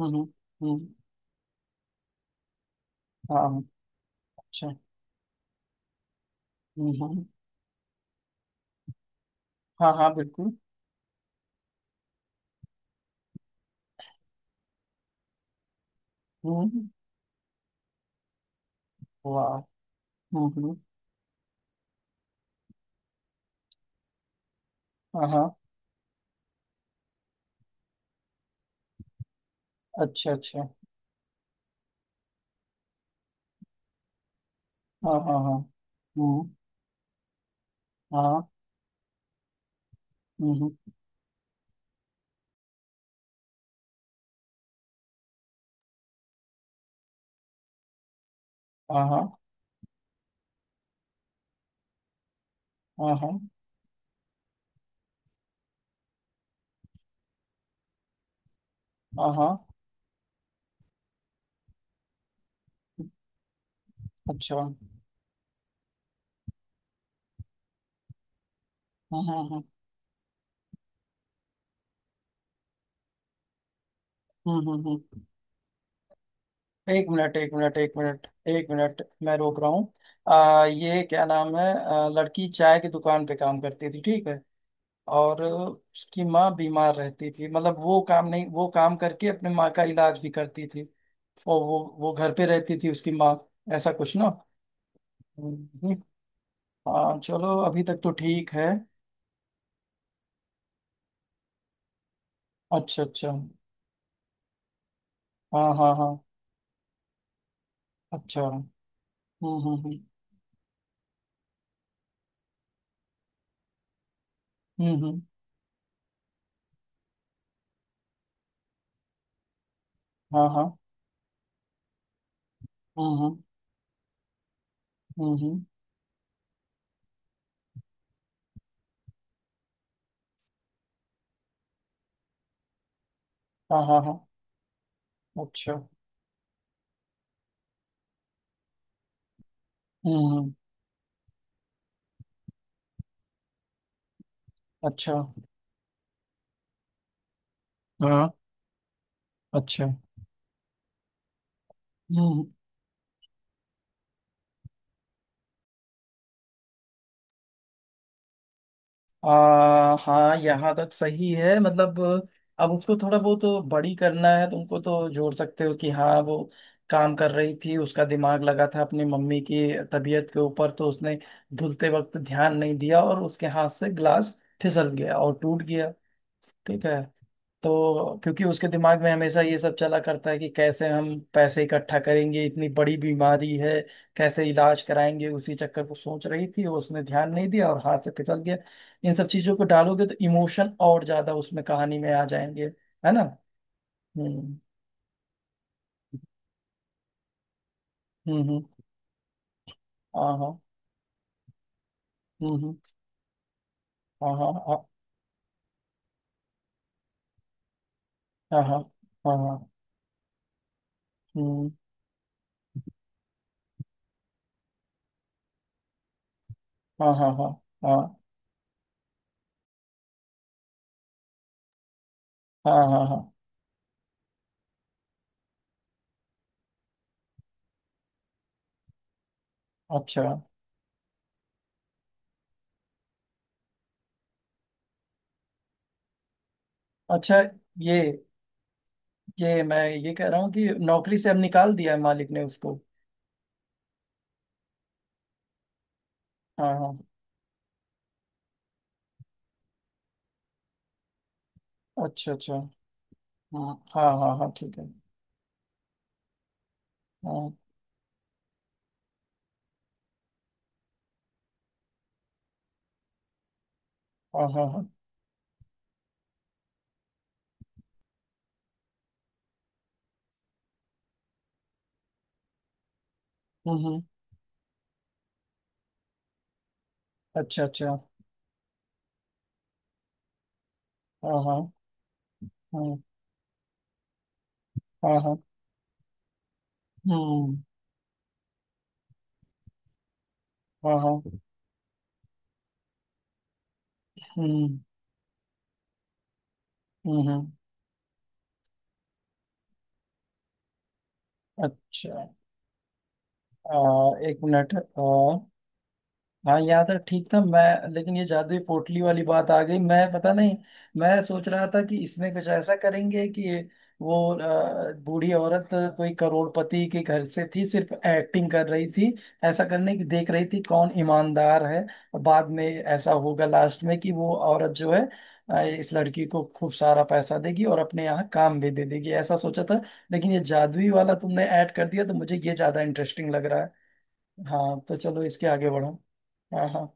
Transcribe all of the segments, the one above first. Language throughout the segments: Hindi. हम्म। हम्म। हाँ। अच्छा। हम्म हम्म, हाँ हाँ बिल्कुल। हम्म। वाह। हम्म हम्म, हाँ हाँ। अच्छा अच्छा। हाँ हाँ हाँ। हम्म। हाँ हाँ, हम्म। हाँ हाँ हाँ हाँ हाँ हाँ, हाँ, अच्छा। हम्म हम्म हम्म हम्म, हम्म। एक मिनट, एक मिनट, एक मिनट, एक मिनट, मैं रोक रहा हूँ। आ ये क्या नाम है, लड़की चाय की दुकान पे काम करती थी, ठीक है। और उसकी माँ बीमार रहती थी, मतलब वो काम नहीं वो काम करके अपने माँ का इलाज भी करती थी। और वो घर पे रहती थी उसकी माँ, ऐसा कुछ ना। हम्म, हाँ चलो अभी तक तो ठीक है। अच्छा अच्छा। हाँ हाँ हाँ। अच्छा। हम्म हम्म हम्म हम्म, हाँ हाँ। हम्म हम्म हम्म हम्म, हाँ हाँ हाँ। अच्छा। हम्म हम्म, अच्छा। हाँ। अच्छा। हम्म हम्म। हाँ, यहाँ तक सही है, मतलब अब उसको थोड़ा बहुत बड़ी करना है तुमको, तो जोड़ सकते हो कि हाँ वो काम कर रही थी, उसका दिमाग लगा था अपनी मम्मी की तबीयत के ऊपर, तो उसने धुलते वक्त ध्यान नहीं दिया और उसके हाथ से ग्लास फिसल गया और टूट गया। ठीक है। तो क्योंकि उसके दिमाग में हमेशा ये सब चला करता है कि कैसे हम पैसे इकट्ठा करेंगे, इतनी बड़ी बीमारी है, कैसे इलाज कराएंगे, उसी चक्कर को सोच रही थी, उसने ध्यान नहीं दिया और हाथ से फिसल गया। इन सब चीजों को डालोगे तो इमोशन और ज्यादा उसमें कहानी में आ जाएंगे, है ना। हम्म। हम्म। हाँ हाँ। हम्म हम्म, हाँ हाँ हाँ हाँ हाँ हाँ हाँ, हम्म। हाँ हाँ हाँ हाँ हाँ हाँ हाँ। अच्छा अच्छा। ये ये मैं ये कह रहा हूँ कि नौकरी से अब निकाल दिया है मालिक ने उसको। हाँ हाँ। अच्छा अच्छा। हाँ हाँ हाँ हाँ ठीक है। हाँ हाँ हाँ हाँ। हम्म हम्म, अच्छा अच्छा। हाँ हाँ हाँ हाँ हाँ। हम्म। हाँ हाँ। हम्म हम्म। अच्छा। आ, एक मिनट, हाँ याद है, ठीक था मैं, लेकिन ये जादुई पोटली वाली बात आ गई, मैं पता नहीं। मैं सोच रहा था कि इसमें कुछ ऐसा करेंगे कि ये वो बूढ़ी औरत कोई करोड़पति के घर से थी, सिर्फ एक्टिंग कर रही थी, ऐसा करने की देख रही थी कौन ईमानदार है। बाद में ऐसा होगा लास्ट में कि वो औरत जो है इस लड़की को खूब सारा पैसा देगी और अपने यहाँ काम भी दे देगी, ऐसा सोचा था। लेकिन ये जादुई वाला तुमने ऐड कर दिया तो मुझे ये ज्यादा इंटरेस्टिंग लग रहा है। हाँ तो चलो इसके आगे बढ़ो। हाँ हाँ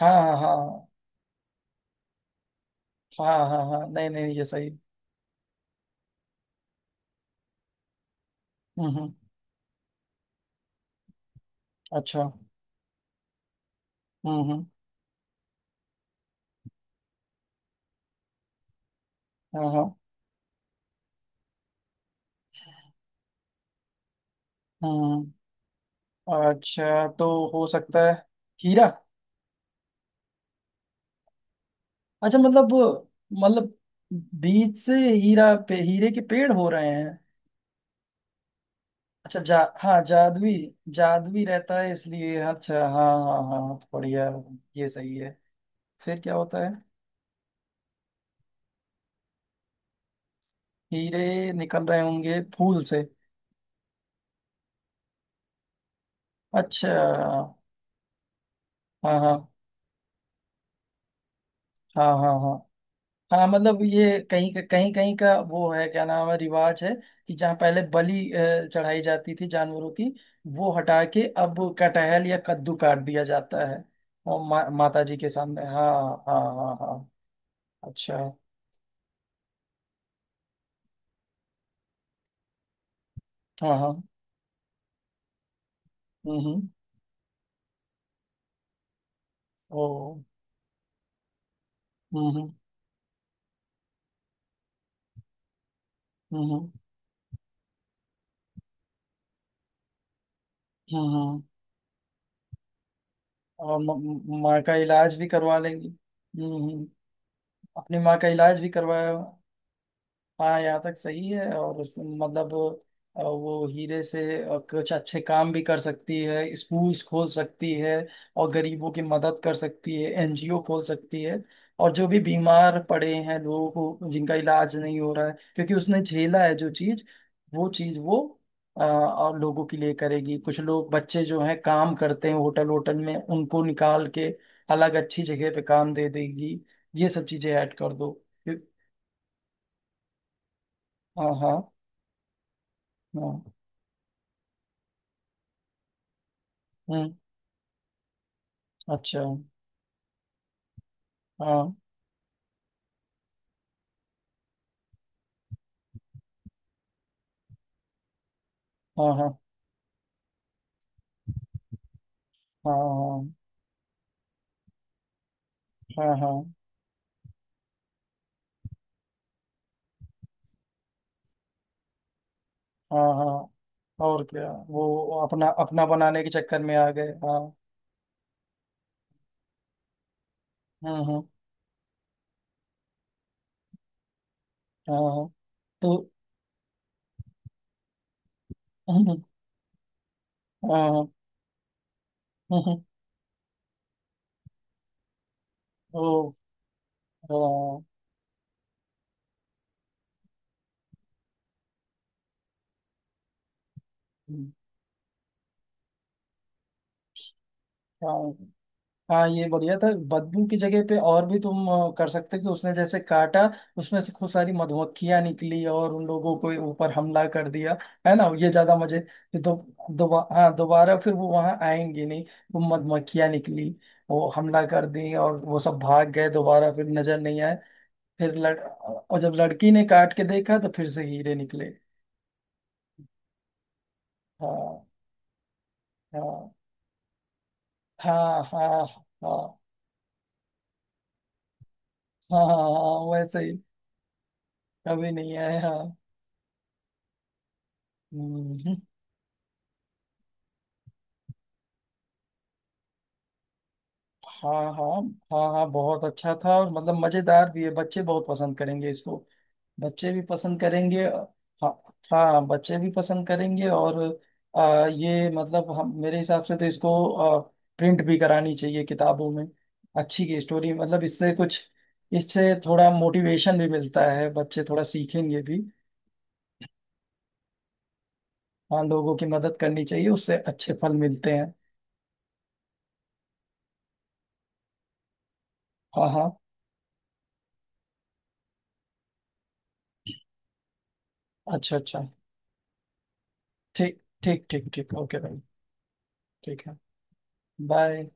हाँ हाँ हाँ हाँ हाँ हाँ हाँ, नहीं नहीं ये सही। हम्म। अच्छा। हम्म। हाँ हाँ। हम्म। अच्छा तो हो सकता है हीरा। अच्छा, मतलब बीज से हीरा पे हीरे के पेड़ हो रहे हैं। अच्छा, जा हाँ जादुई जादुई रहता है इसलिए, अच्छा हाँ हाँ हाँ हाँ, तो बढ़िया। ये सही है। फिर क्या होता है। हीरे निकल रहे होंगे फूल से। अच्छा। हाँ हाँ हाँ हाँ हाँ हाँ, मतलब ये कहीं कहीं कहीं का वो है, क्या नाम है, रिवाज है कि जहाँ पहले बलि चढ़ाई जाती थी जानवरों की, वो हटा के अब कटहल या कद्दू काट दिया जाता है और माता जी के सामने। हाँ हाँ हाँ हाँ। अच्छा। हाँ हाँ। हम्म। ओ। हम्म हम्म हम्म हम्म। और माँ का इलाज भी करवा लेंगी। हम्म। अपनी माँ का इलाज भी करवाया। हाँ यहाँ तक सही है, और उसमें मतलब वो हीरे से कुछ अच्छे काम भी कर सकती है, स्कूल्स खोल सकती है और गरीबों की मदद कर सकती है, एनजीओ खोल सकती है, और जो भी बीमार पड़े हैं लोगों को, जिनका इलाज नहीं हो रहा है, क्योंकि उसने झेला है जो चीज, वो चीज वो और लोगों के लिए करेगी। कुछ लोग बच्चे जो हैं काम करते हैं होटल होटल में, उनको निकाल के अलग अच्छी जगह पे काम दे देगी। ये सब चीजें ऐड कर दो। फिर- हाँ हाँ हाँ। हम्म। अच्छा। हाँ हाँ हाँ हाँ हाँ हाँ हाँ हाँ हाँ, और क्या, वो अपना अपना बनाने के चक्कर में आ गए, हाँ। हाँ हाँ। हाँ तो हाँ हाँ, वो हाँ हाँ, हाँ ये बढ़िया था। बदबू की जगह पे और भी तुम कर सकते हो कि उसने जैसे काटा, उसमें से खूब सारी मधुमक्खियां निकली और उन लोगों को ऊपर हमला कर दिया, है ना, ये ज्यादा मजे, ये दो। हाँ दोबारा, फिर वो वहां आएंगे नहीं। वो मधुमक्खियां निकली, वो हमला कर दी और वो सब भाग गए, दोबारा फिर नजर नहीं आए। फिर लड़ और जब लड़की ने काट के देखा तो फिर से हीरे निकले। हाँ हाँ हाँ हाँ हाँ हाँ हाँ हाँ, वैसे ही। कभी नहीं आए, हाँ। हम्म। हाँ हाँ। हाँ हाँ बहुत अच्छा था, और मतलब मजेदार भी है, बच्चे बहुत पसंद करेंगे इसको। बच्चे भी पसंद करेंगे हाँ। हाँ बच्चे भी पसंद करेंगे और ये मतलब, हम मेरे हिसाब से तो इसको प्रिंट भी करानी चाहिए किताबों में, अच्छी की स्टोरी, मतलब इससे कुछ, इससे थोड़ा मोटिवेशन भी मिलता है, बच्चे थोड़ा सीखेंगे भी। हाँ लोगों की मदद करनी चाहिए, उससे अच्छे फल मिलते हैं। हाँ हाँ। अच्छा अच्छा। ठीक ठीक ठीक ठीक, ओके भाई। ठीक है। बाय।